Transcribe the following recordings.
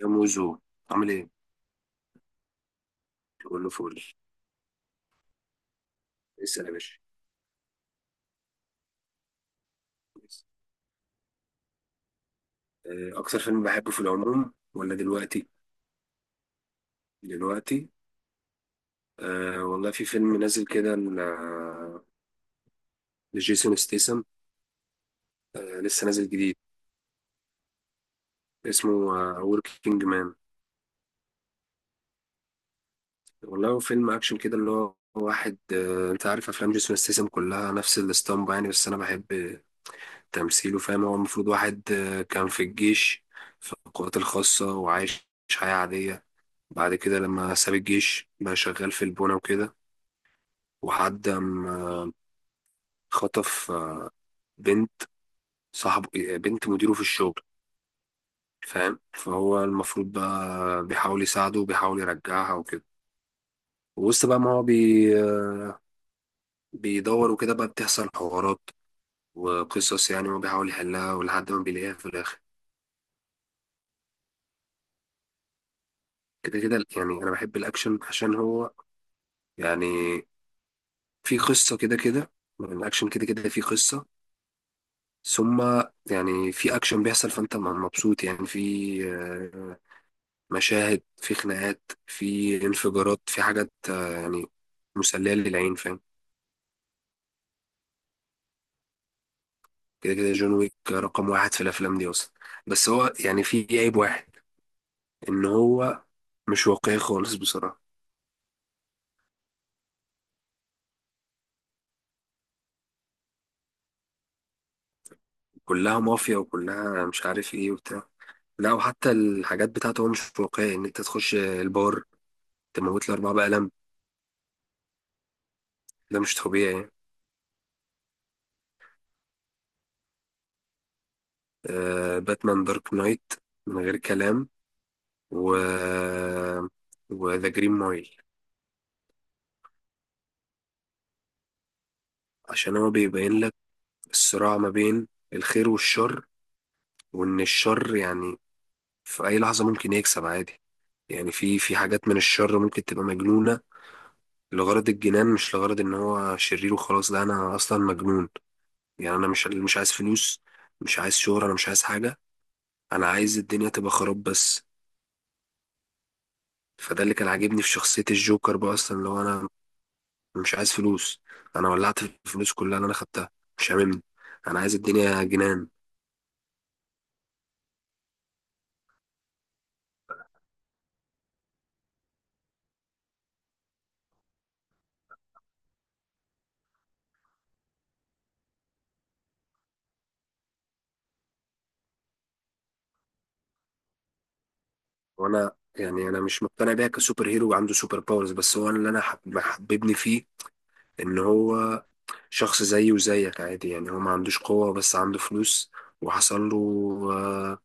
يا موزو. عامل ايه؟ تقول له فول. اسأل يا باشا. أكتر فيلم بحبه في العموم ولا دلوقتي؟ دلوقتي. أه، والله في فيلم نازل كده لجيسون ستيسن. لسه نازل جديد اسمه وركينج مان. والله هو فيلم أكشن كده اللي هو واحد، أنت عارف أفلام جيسون ستيسن كلها نفس الاسطمبة يعني، بس أنا بحب تمثيله. فاهم، هو المفروض واحد كان في الجيش، في القوات الخاصة، وعايش حياة عادية. بعد كده لما ساب الجيش بقى شغال في البونة وكده، وحد خطف بنت صاحب بنت مديره في الشغل. فاهم، فهو المفروض بقى بيحاول يساعده وبيحاول يرجعها وكده، ووسط بقى ما هو بيدور وكده بقى بتحصل حوارات وقصص، يعني هو بيحاول يحلها ولحد ما بيلاقيها في الآخر. كده كده يعني أنا بحب الأكشن، عشان هو يعني في قصة، كده كده يعني الأكشن كده كده في قصة. ثم يعني في اكشن بيحصل فانت مبسوط، يعني في آه، مشاهد، في خناقات، في انفجارات، في حاجات، يعني مسلية للعين، فاهم. كده كده جون ويك رقم واحد في الافلام دي اصلا، بس هو يعني في عيب واحد، ان هو مش واقعي خالص بصراحة. كلها مافيا وكلها مش عارف ايه وبتاع. لا، وحتى الحاجات بتاعته هو مش واقعي، ان انت تخش البار تموت الاربعة بقلم، ده مش طبيعي. آه، باتمان دارك نايت، من غير كلام. و وذا جرين مايل. عشان هو بيبين لك الصراع ما بين الخير والشر، وان الشر يعني في اي لحظة ممكن يكسب عادي، يعني في حاجات من الشر ممكن تبقى مجنونة لغرض الجنان، مش لغرض ان هو شرير وخلاص. لا، انا اصلا مجنون، يعني انا مش عايز فلوس، مش عايز شهرة، انا مش عايز حاجة، انا عايز الدنيا تبقى خراب بس. فده اللي كان عاجبني في شخصية الجوكر بقى اصلا، اللي هو انا مش عايز فلوس، انا ولعت الفلوس كلها اللي انا خدتها، مش هاممني، انا عايز الدنيا جنان. وانا يعني انا مش مقتنع بيها كسوبر هيرو عنده سوبر باورز، بس هو اللي انا محببني فيه ان هو شخص زيي وزيك عادي، يعني هو ما عندوش قوة بس عنده فلوس، وحصل له آه،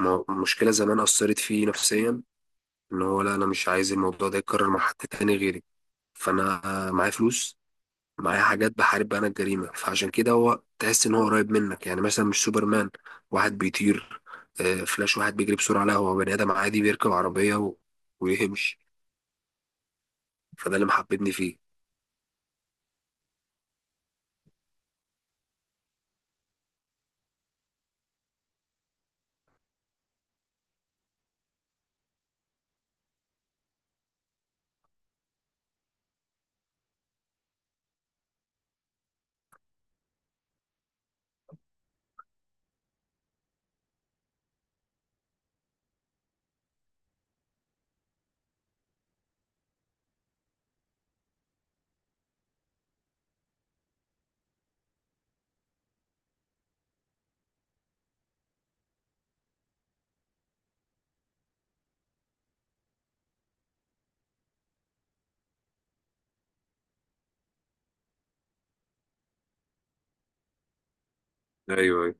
مشكلة زمان أثرت فيه نفسيا، ان هو لا، انا مش عايز الموضوع ده يتكرر مع حد تاني غيري. فانا معايا فلوس، معايا حاجات بحارب بيها انا الجريمه، فعشان كده هو تحس ان هو قريب منك، يعني مثلا مش سوبرمان واحد بيطير، فلاش واحد بيجري بسرعه. لا، هو بني ادم عادي بيركب عربيه و... ويمشي، فده اللي محببني فيه. ايوه، ايوه.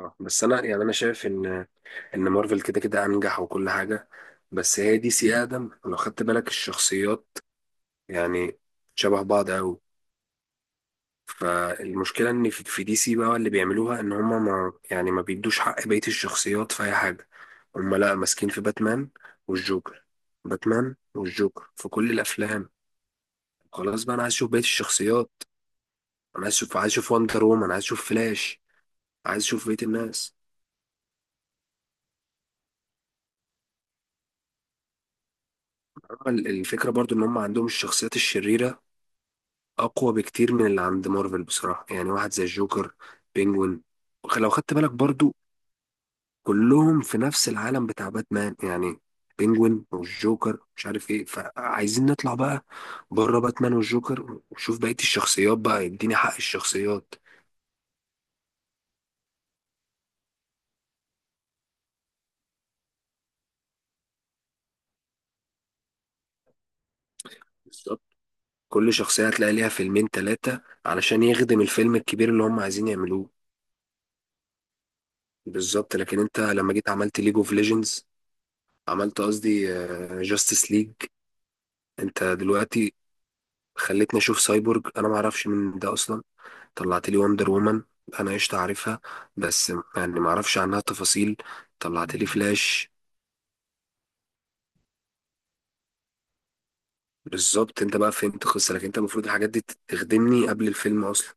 آه، بس انا يعني انا شايف ان مارفل كده كده انجح وكل حاجه، بس هي دي سي ادم لو خدت بالك الشخصيات، يعني شبه بعض قوي. فالمشكلة ان في دي سي بقى اللي بيعملوها ان هما ما يعني ما بيدوش حق بقية الشخصيات في اي حاجة، هما لا ماسكين في باتمان والجوكر، باتمان والجوكر في كل الافلام. خلاص بقى انا عايز اشوف بقية الشخصيات، انا عايز اشوف وندر وومن، عايز اشوف فلاش، عايز اشوف بقية الناس. أما الفكرة برضو ان هما عندهم الشخصيات الشريرة اقوى بكتير من اللي عند مارفل بصراحة، يعني واحد زي الجوكر، بينجوين، لو خدت بالك برضو كلهم في نفس العالم بتاع باتمان، يعني بينجوين والجوكر مش عارف ايه، فعايزين نطلع بقى بره باتمان والجوكر وشوف بقية الشخصيات بقى، يديني حق الشخصيات. بالظبط، كل شخصية هتلاقي ليها فيلمين تلاتة علشان يخدم الفيلم الكبير اللي هم عايزين يعملوه. بالظبط، لكن انت لما جيت عملت ليج اوف ليجندز، عملت قصدي جاستس ليج. انت دلوقتي خليتني اشوف سايبورج، انا معرفش من ده اصلا، طلعت لي وندر وومن، انا قشطة عارفها بس يعني ما اعرفش عنها تفاصيل، طلعت لي فلاش. بالظبط، انت بقى فهمت القصه، لكن انت المفروض الحاجات دي تخدمني قبل الفيلم اصلا.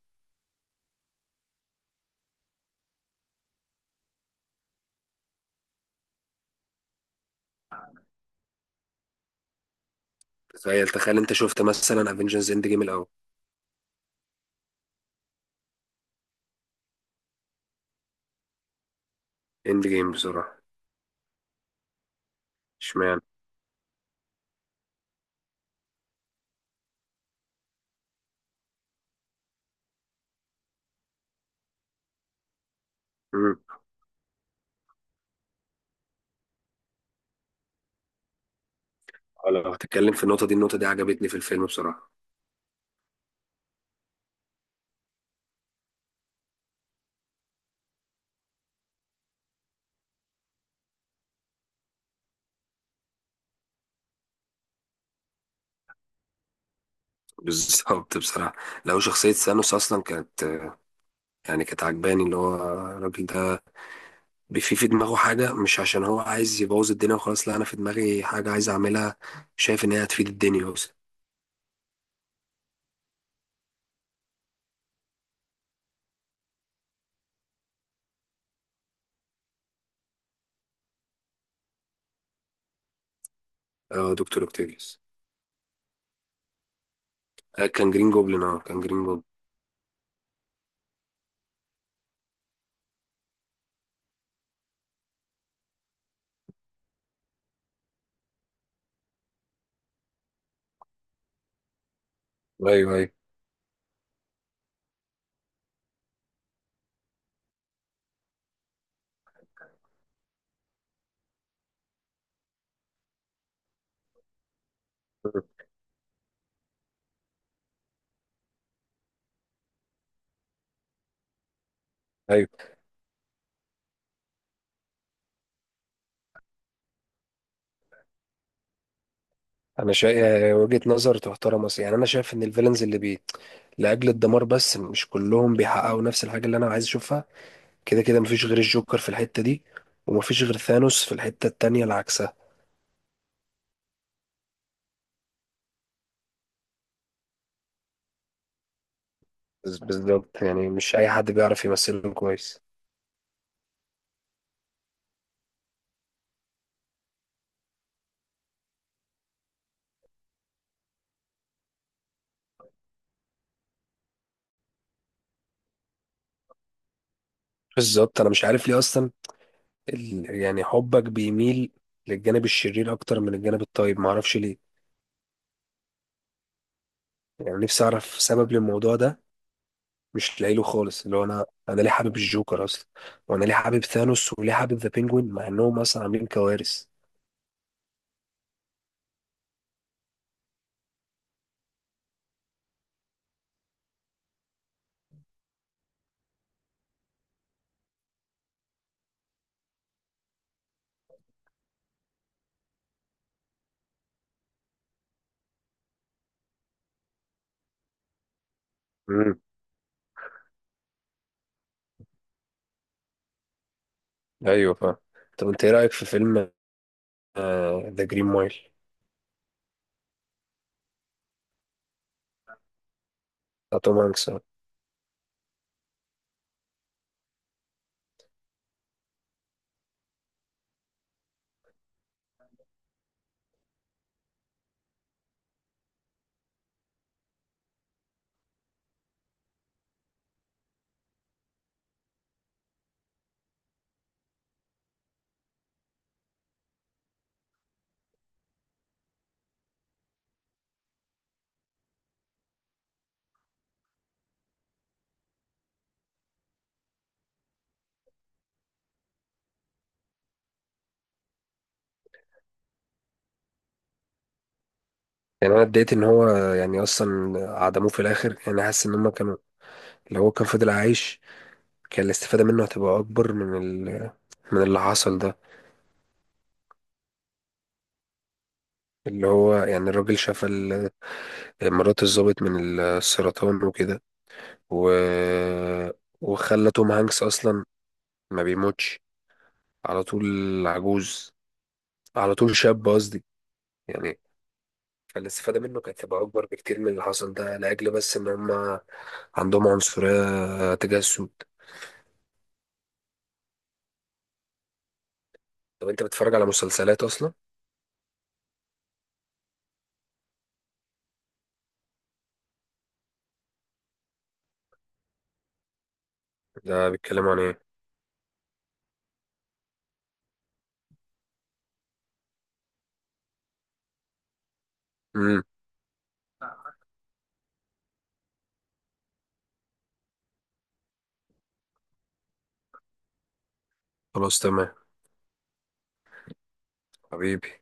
تخيل، تخيل انت شفت مثلا افنجرز اند جيم الاول. اند جيم بصراحه. اشمعنى؟ امم لو هتتكلم في النقطه دي عجبتني في الفيلم بصراحه. بالظبط بصراحه. لو شخصيه ثانوس اصلا كانت، يعني كانت عجباني، اللي هو الراجل ده في دماغه حاجة، مش عشان هو عايز يبوظ الدنيا وخلاص، لا، أنا في دماغي حاجة عايز أعملها، شايف إن هي هتفيد الدنيا أصلا. آه، دكتور أوكتافيوس. آه، كان جرين جوبلin، أه كان جرين جوبلin. أيوه، أيوه، أيوه. أنا شايف وجهة نظر تحترم أصلا، يعني أنا شايف إن الفيلنز اللي بي لأجل الدمار بس، مش كلهم بيحققوا نفس الحاجة اللي أنا عايز أشوفها. كده كده مفيش غير الجوكر في الحتة دي، ومفيش غير ثانوس في الحتة التانية العكسة. بالظبط، يعني مش أي حد بيعرف يمثلهم كويس. بالظبط، أنا مش عارف ليه أصلا، يعني حبك بيميل للجانب الشرير اكتر من الجانب الطيب، معرفش ليه. يعني نفسي اعرف سبب للموضوع ده، مش لاقيله خالص، اللي هو انا ليه حابب الجوكر اصلا، وانا ليه حابب ثانوس، وليه حابب ذا بينجوين، مع انهم اصلا عاملين كوارث. امم، ايوه، فاهم. طب انت ايه رايك في فيلم ذا جرين مايل؟ بتاع توم هانكس، آه. يعني انا اتضايقت ان هو، يعني اصلا عدموه في الاخر، يعني حاسس ان هم كانوا، لو هو كان فضل عايش كان الاستفاده منه هتبقى اكبر ال... من اللي حصل ده، اللي هو يعني الراجل شاف مرات الضابط من السرطان وكده، و... وخلى توم هانكس أصلا ما بيموتش على طول عجوز، على طول شاب قصدي، يعني فالاستفادة منه كانت تبقى أكبر بكتير من اللي حصل ده، لأجل بس إن هما عندهم عنصرية تجاه السود. طب أنت بتتفرج على مسلسلات أصلا؟ ده بيتكلم عن إيه؟ امم، خلاص تمام. حبيبي.